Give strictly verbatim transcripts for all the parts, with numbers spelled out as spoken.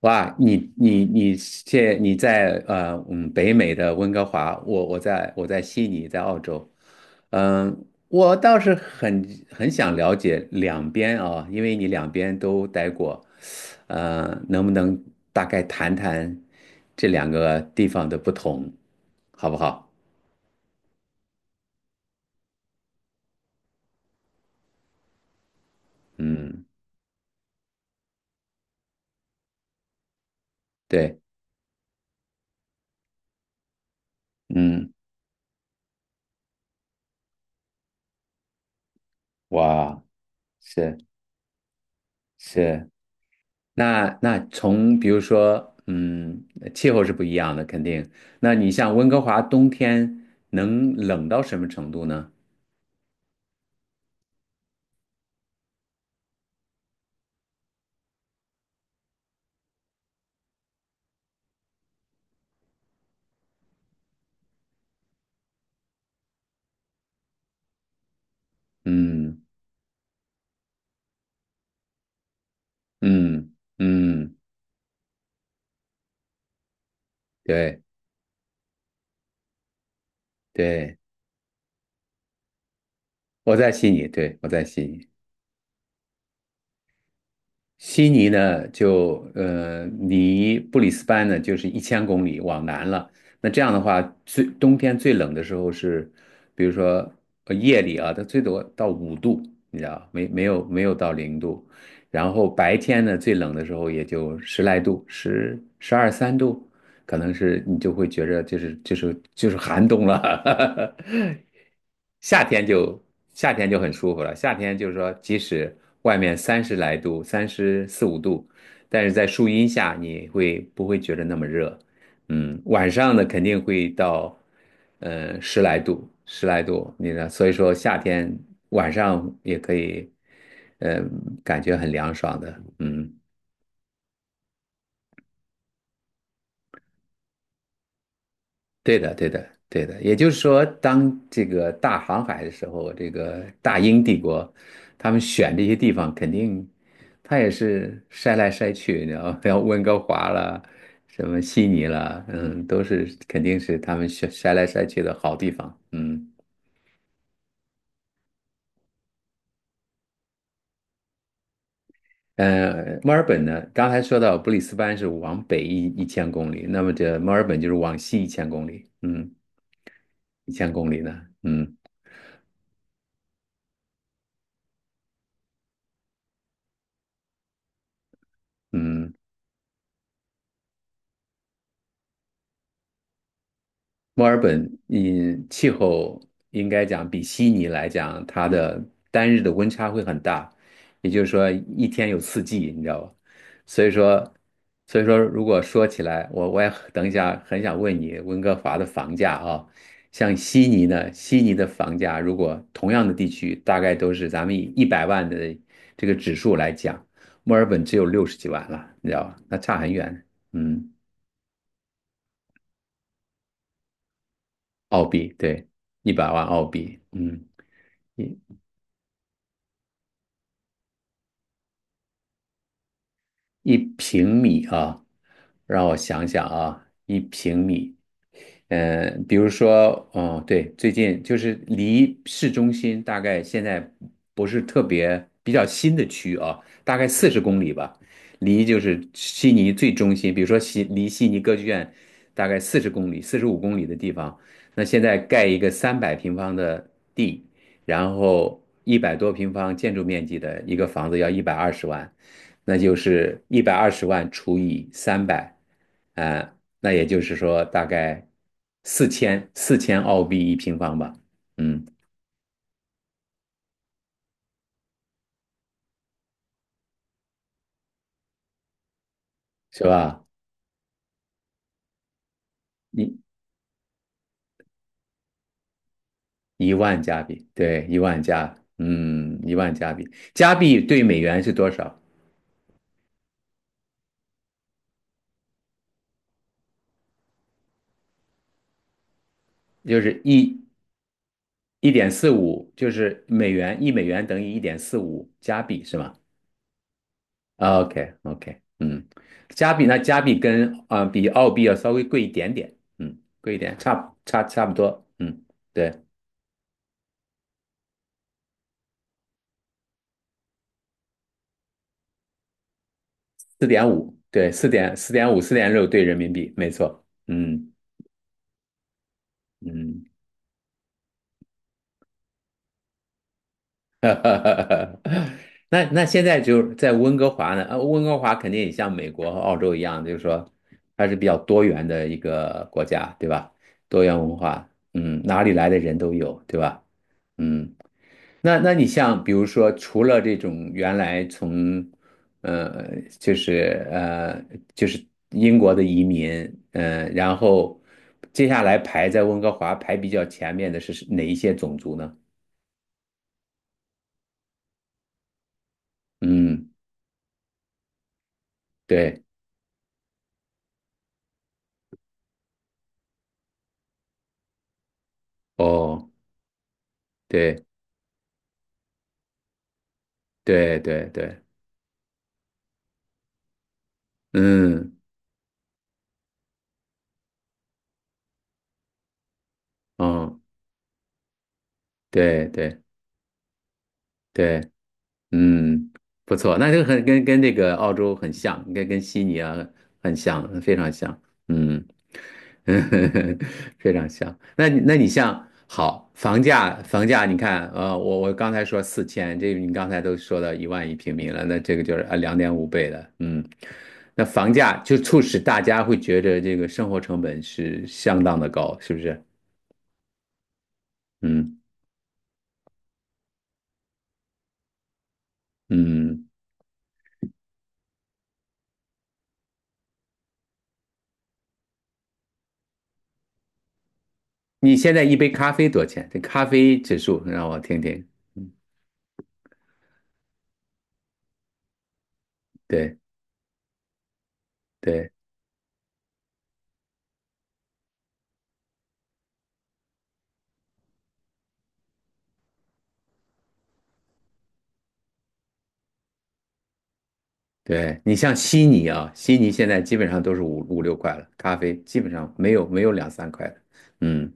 哇，你你你现你在呃嗯北美的温哥华，我我在我在悉尼，在澳洲。嗯，我倒是很很想了解两边啊，因为你两边都待过。呃，能不能大概谈谈这两个地方的不同，好不好？嗯。对。嗯。哇，是是。那那从比如说，嗯，气候是不一样的，肯定。那你像温哥华冬天能冷到什么程度呢？嗯嗯嗯，对对，我在悉尼，对，我在悉尼。悉尼呢，就呃离布里斯班呢就是一千公里往南了。那这样的话，最冬天最冷的时候是，比如说呃夜里啊，它最多到五度，你知道，没没有没有到零度。然后白天呢，最冷的时候也就十来度，十十二三度，可能是你就会觉着就是就是就是寒冬了。夏天就夏天就很舒服了。夏天就是说，即使外面三十来度、三十四五度，但是在树荫下你会不会觉得那么热？嗯，晚上呢肯定会到，呃，十来度，十来度，你呢？所以说夏天晚上也可以，呃，感觉很凉爽的。嗯，对的，对的，对的。也就是说，当这个大航海的时候，这个大英帝国，他们选这些地方，肯定他也是筛来筛去，你知道吗？像温哥华了，什么悉尼了，嗯，都是肯定是他们选筛来筛去的好地方。嗯。呃，墨尔本呢，刚才说到布里斯班是往北一一千公里，那么这墨尔本就是往西一千公里，嗯，一千公里呢，嗯嗯。墨尔本，嗯，气候应该讲比悉尼来讲，它的单日的温差会很大，也就是说一天有四季，你知道吧？所以说，所以说如果说起来，我我也很等一下很想问你温哥华的房价啊。像悉尼呢，悉尼的房价如果同样的地区，大概都是咱们以一百万的这个指数来讲，墨尔本只有六十几万了，你知道吧？那差很远。嗯，澳币，对，一百万澳币。嗯。一一平米啊，让我想想啊，一平米，嗯，比如说，哦，对，最近就是离市中心大概现在不是特别比较新的区啊，大概四十公里吧，离就是悉尼最中心，比如说悉离悉尼歌剧院大概四十公里、四十五公里的地方，那现在盖一个三百平方的地，然后一百多平方建筑面积的一个房子要一百二十万。那就是一百二十万除以三百，啊，那也就是说大概四千四千澳币一平方吧。嗯，是吧？一一万加币，对，一万加，嗯，一万加币。加币对美元是多少？就是一一点四五，就是美元一美元等于一点四五加币，是吗？OK OK。嗯。加币那加币跟啊、呃比澳币要稍微贵一点点。嗯，贵一点。差不差差不多。嗯。对，四点五，对，四点四点五四点六对人民币，没错。嗯嗯。那那现在就是在温哥华呢，呃，温哥华肯定也像美国和澳洲一样，就是说它是比较多元的一个国家，对吧？多元文化。嗯，哪里来的人都有，对吧？嗯。那那你像比如说，除了这种原来从，呃，就是呃，就是英国的移民，嗯、呃，然后接下来排在温哥华排比较前面的是是哪一些种族呢？嗯，对，哦，对对对对，嗯，哦，对对对。嗯，不错，那就很跟跟这个澳洲很像，跟跟悉尼啊很像，非常像。嗯。非常像。那你那你像好房价，房价你看，呃，我我刚才说四千，这你刚才都说到一万一平米了，那这个就是呃两点五倍的，嗯，那房价就促使大家会觉得这个生活成本是相当的高，是不是？嗯嗯。你现在一杯咖啡多少钱？这咖啡指数让我听听。嗯对对对。你像悉尼啊，悉尼现在基本上都是五五六块了，咖啡基本上没有没有两三块的。嗯，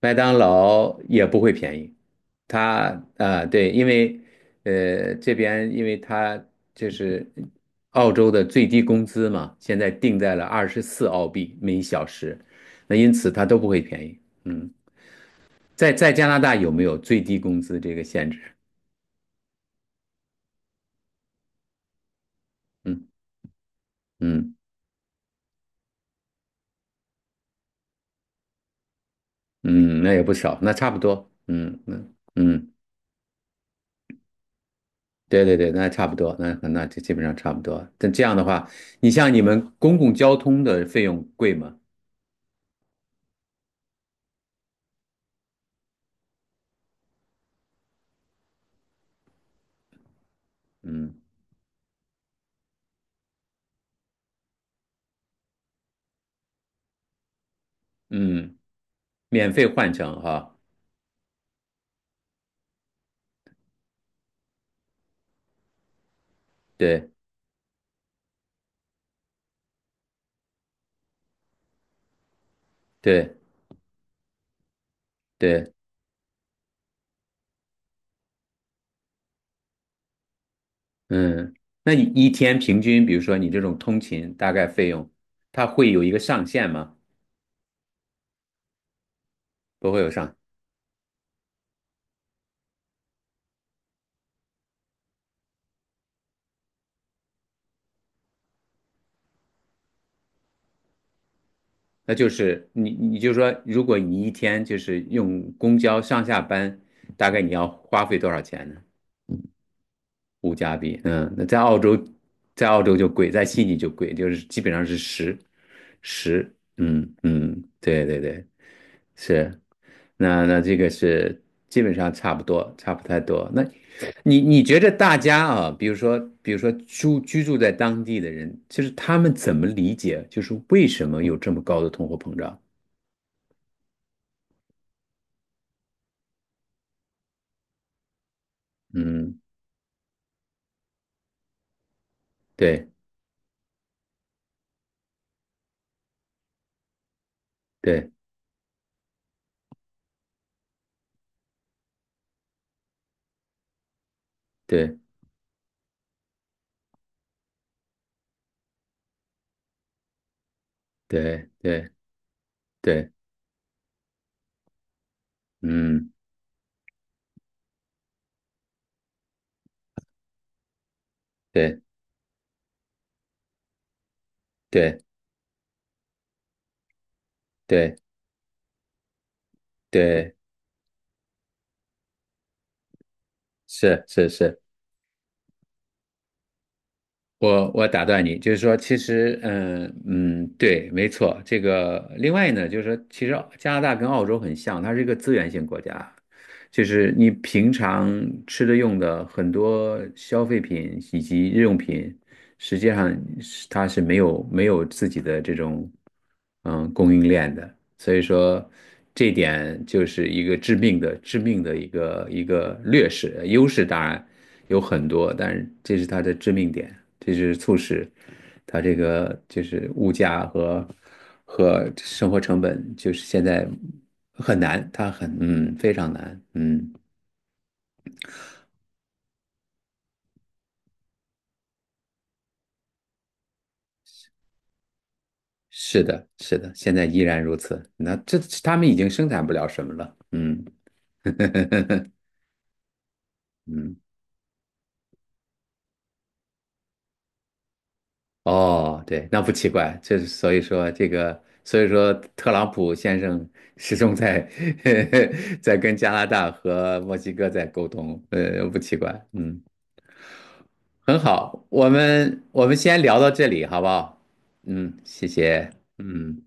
麦当劳也不会便宜，它啊对，因为呃这边因为它就是澳洲的最低工资嘛，现在定在了二十四澳币每小时，那因此它都不会便宜。嗯。在在加拿大有没有最低工资这个限制？嗯嗯。嗯，那也不少，那差不多。嗯，嗯嗯，对对对，那差不多，那那就基本上差不多。但这样的话，你像你们公共交通的费用贵吗？嗯嗯，免费换乘哈，对对对。嗯，那你一天平均，比如说你这种通勤大概费用，它会有一个上限吗？不会有上。那就是你你就说，如果你一天就是用公交上下班，大概你要花费多少钱呢？物价比，嗯，那在澳洲，在澳洲就贵，在悉尼就贵，就是基本上是十，十。嗯嗯，对对对，是。那那这个是基本上差不多，差不太多。那你你觉得大家啊，比如说比如说住居住在当地的人，就是他们怎么理解，就是为什么有这么高的通货膨胀？嗯，对对对对对对，嗯，对对对对，是是是。我我打断你，就是说，其实，嗯嗯，对，没错。这个另外呢，就是说，其实加拿大跟澳洲很像，它是一个资源性国家，就是你平常吃的用的很多消费品以及日用品，实际上是它是没有没有自己的这种嗯供应链的，所以说这一点就是一个致命的致命的一个一个劣势，优势当然有很多，但是这是它的致命点，这是促使它这个就是物价和和生活成本就是现在很难，它很嗯非常难。嗯。是的，是的，现在依然如此。那这他们已经生产不了什么了。嗯。嗯，哦，对，那不奇怪，这所以说这个，所以说特朗普先生始终在 在跟加拿大和墨西哥在沟通，呃，不奇怪。嗯。很好，我们我们先聊到这里，好不好？嗯，谢谢。嗯。